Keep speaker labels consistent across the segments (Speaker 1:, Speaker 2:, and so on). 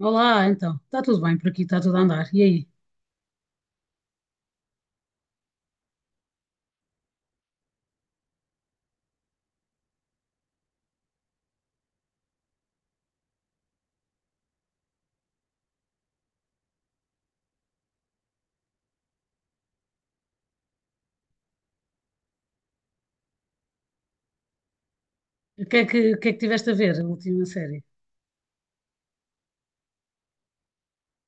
Speaker 1: Olá, então. Está tudo bem por aqui, está tudo a andar. E aí? O que é que, o que é que tiveste a ver, a última série?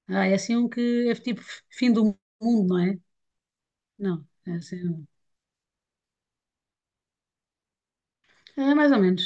Speaker 1: Ah, é assim um que é tipo fim do mundo, não é? Não, é assim. É mais ou menos.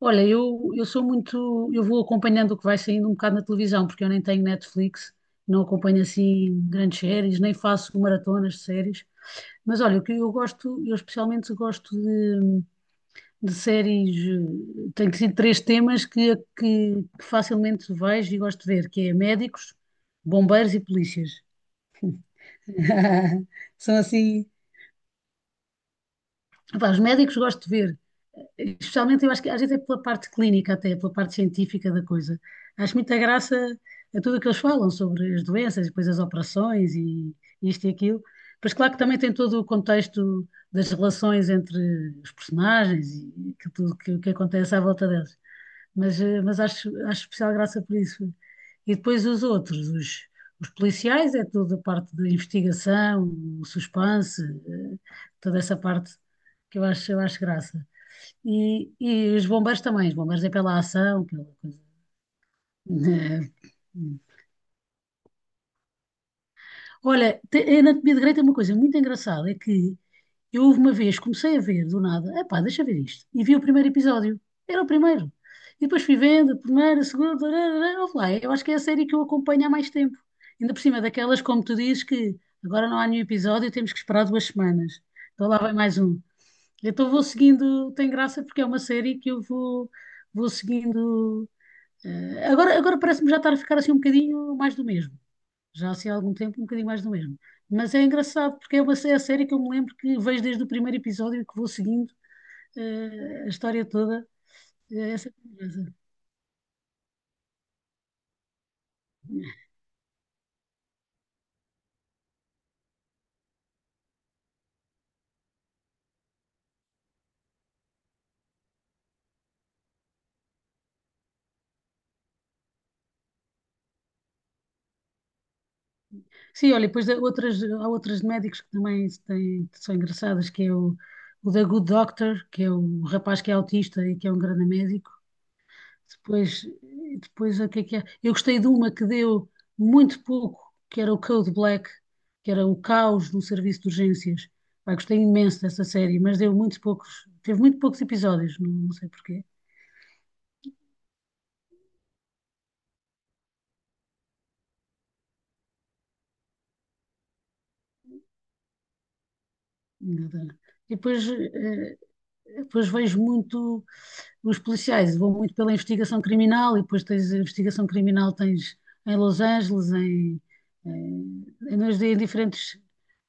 Speaker 1: Olha, eu sou muito. Eu vou acompanhando o que vai saindo um bocado na televisão, porque eu nem tenho Netflix, não acompanho assim grandes séries, nem faço maratonas de séries. Mas olha, o que eu gosto, eu especialmente gosto de séries, tenho sido três temas que facilmente vejo e gosto de ver, que é médicos, bombeiros e polícias. São assim, pá, os médicos gosto de ver, especialmente eu acho que às vezes é pela parte clínica até, pela parte científica da coisa. Acho muita graça a tudo o que eles falam sobre as doenças, depois as operações e isto e aquilo. Mas claro que também tem todo o contexto das relações entre os personagens e aquilo tudo que acontece à volta deles. Mas acho especial graça por isso. E depois os policiais, é toda a parte da investigação, o suspense, eh, toda essa parte que eu acho graça. E os bombeiros é pela ação, pela coisa, né? Olha, a anatomia de Grey tem uma coisa muito engraçada, é que eu houve uma vez, comecei a ver do nada, epá, deixa eu ver isto, e vi o primeiro episódio, era o primeiro, e depois fui vendo, primeiro, segundo, houve lá, eu acho que é a série que eu acompanho há mais tempo, ainda por cima daquelas, como tu dizes, que agora não há nenhum episódio, temos que esperar duas semanas, então lá vai mais um. Então vou seguindo, tem graça porque é uma série que vou seguindo, agora parece-me já estar a ficar assim um bocadinho mais do mesmo já assim há algum tempo, um bocadinho mais do mesmo. Mas é engraçado porque é uma é a série que eu me lembro que vejo desde o primeiro episódio e que vou seguindo a história toda. Essa coisa. Sim, olha, depois há outras de médicos que também se têm- que são engraçadas, o da Good Doctor, que é o rapaz que é autista e que é um grande médico. Depois, depois o que é que é? Eu gostei de uma que deu muito pouco, que era o Code Black, que era o caos no serviço de urgências. Pá, gostei imenso dessa série, mas deu muito poucos, teve muito poucos episódios, não sei porquê. Nada. E depois, depois vejo muito os policiais, vou muito pela investigação criminal e depois tens a investigação criminal tens em Los Angeles, em, em, em diferentes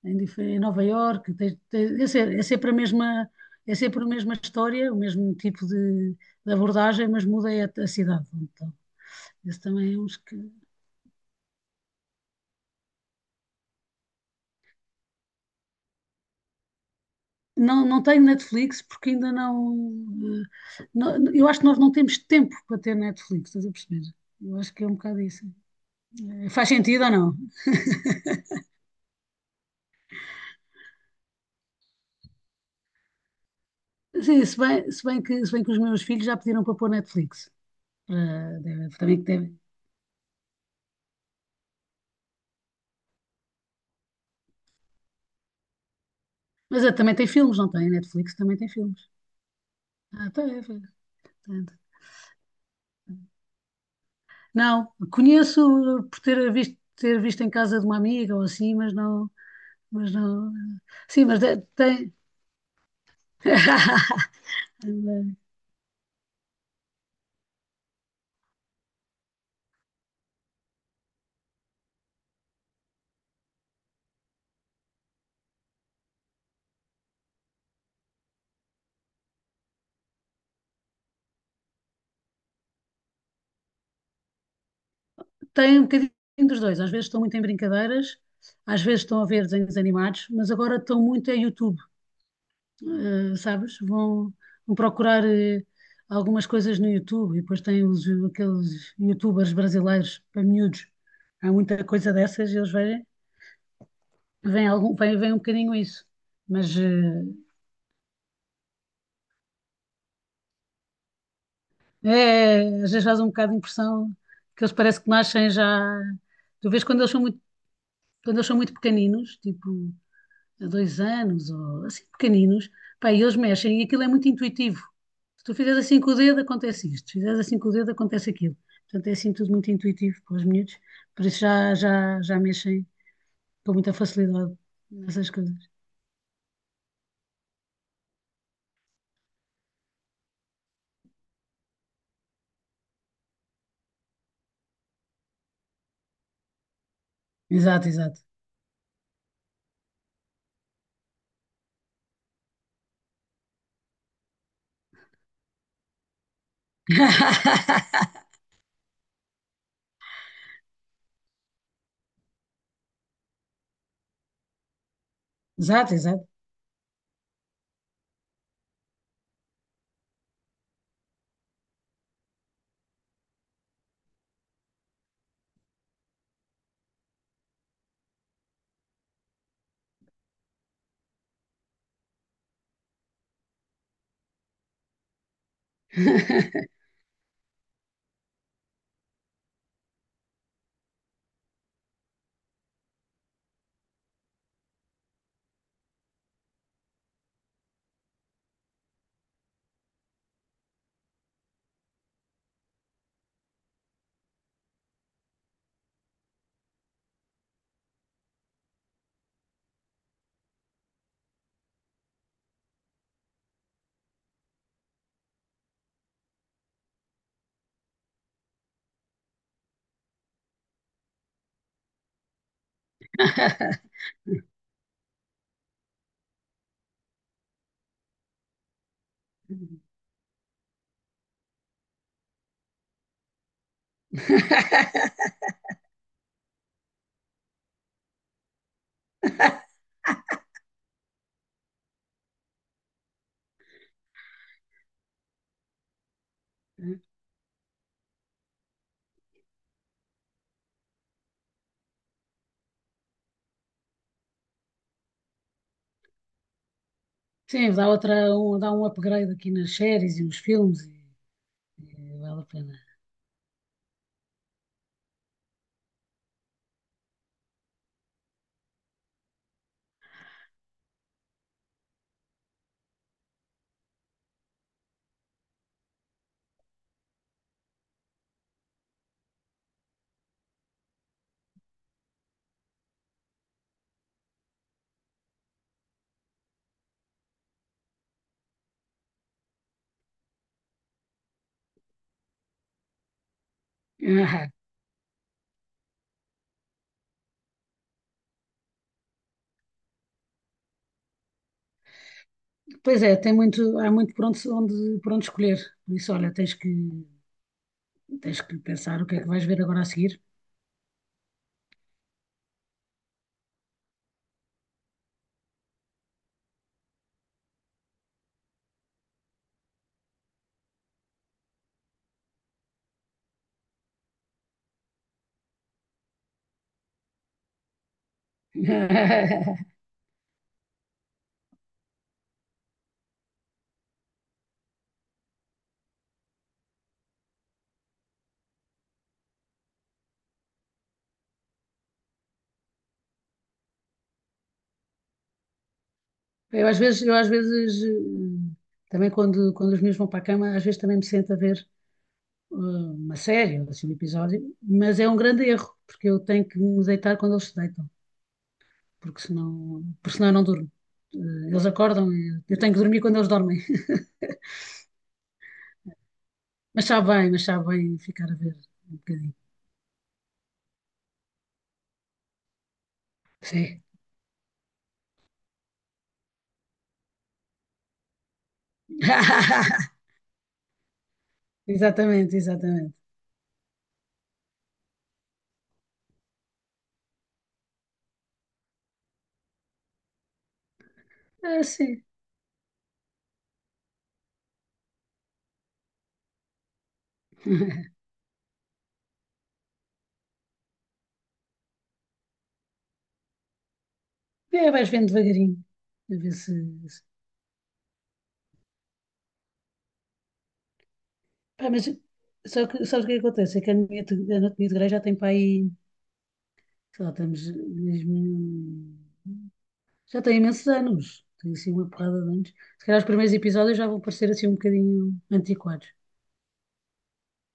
Speaker 1: em Nova Iorque, é sempre a mesma é sempre a mesma história, o mesmo tipo de abordagem, mas muda é a cidade. Então, esse também é uns que não, não tenho Netflix porque ainda não, Eu acho que nós não temos tempo para ter Netflix, estás a perceber? Eu acho que é um bocado isso. Faz sentido ou não? Sim, se bem que os meus filhos já pediram para pôr Netflix. Para- deve- também, que deve- mas eh, também tem filmes, não tem? A Netflix também tem filmes. Ah, tá, é, foi, portanto. Não, conheço por ter visto em casa de uma amiga ou assim, mas não. Mas não sim, mas de- tem. Tem um bocadinho dos dois. Às vezes estão muito em brincadeiras, às vezes estão a ver desenhos animados, mas agora estão muito a YouTube. Sabes? Vão procurar algumas coisas no YouTube e depois aqueles YouTubers brasileiros para miúdos. Há muita coisa dessas e eles veem, veem, algum, veem, veem um bocadinho isso. Mas eh, é, às vezes faz um bocado de impressão que eles parecem que nascem já. Tu vês quando eles são muito pequeninos, tipo. De dois anos, ou assim pequeninos, pá, e eles mexem e aquilo é muito intuitivo. Se tu fizeres assim com o dedo, acontece isto. Se fizeres assim com o dedo, acontece aquilo. Portanto, é assim tudo muito intuitivo para os miúdos, por isso já mexem com muita facilidade nessas coisas. Exato, exato. Exato, exato. Sim, dá um upgrade aqui nas séries e nos filmes e vale a pena. Pois é, há muito por por onde escolher. Por isso, olha, tens que pensar o que é que vais ver agora a seguir. Eu às vezes, também quando os meus vão para a cama, às vezes também me sento a ver uma série, ou assim, um episódio, mas é um grande erro, porque eu tenho que me deitar quando eles se deitam, porque senão eu não durmo. Eh, eles acordam e eu tenho que dormir quando eles dormem. Mas mas sabe bem ficar a ver um bocadinho. Sim. Exatamente, exatamente. Ah, sim. E aí vais vendo devagarinho. A ver se. Se- Pá, mas só que, sabes o que é que acontece? É que a a anatomia de Grey já tem para aí. Sei lá, estamos. Mesmo- Já tem imensos anos. Tem assim uma porrada de anos. Se calhar os primeiros episódios já vão parecer assim um bocadinho antiquados.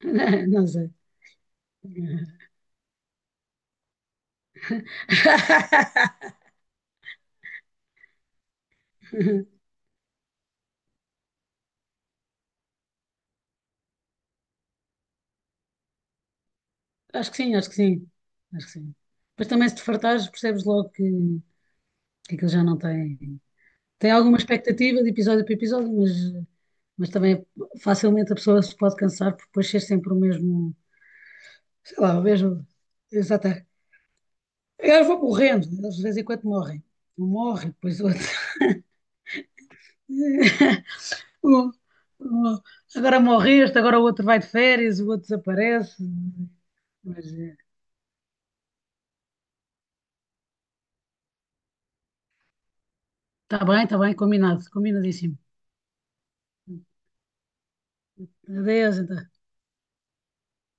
Speaker 1: Não sei. Acho que sim, acho que sim. Acho que sim. Mas também se te fartares, percebes logo que aquilo já não tem. Tem alguma expectativa de episódio para episódio, mas também facilmente a pessoa se pode cansar por depois ser sempre o mesmo, sei lá, o mesmo. Exatamente. Eles vão morrendo, eles de vez em quando morrem. Um morre, depois outro. Um- um- Agora morre este, agora o outro vai de férias, o outro desaparece. Mas está bem, combinado, combinadíssimo. Adeus, então.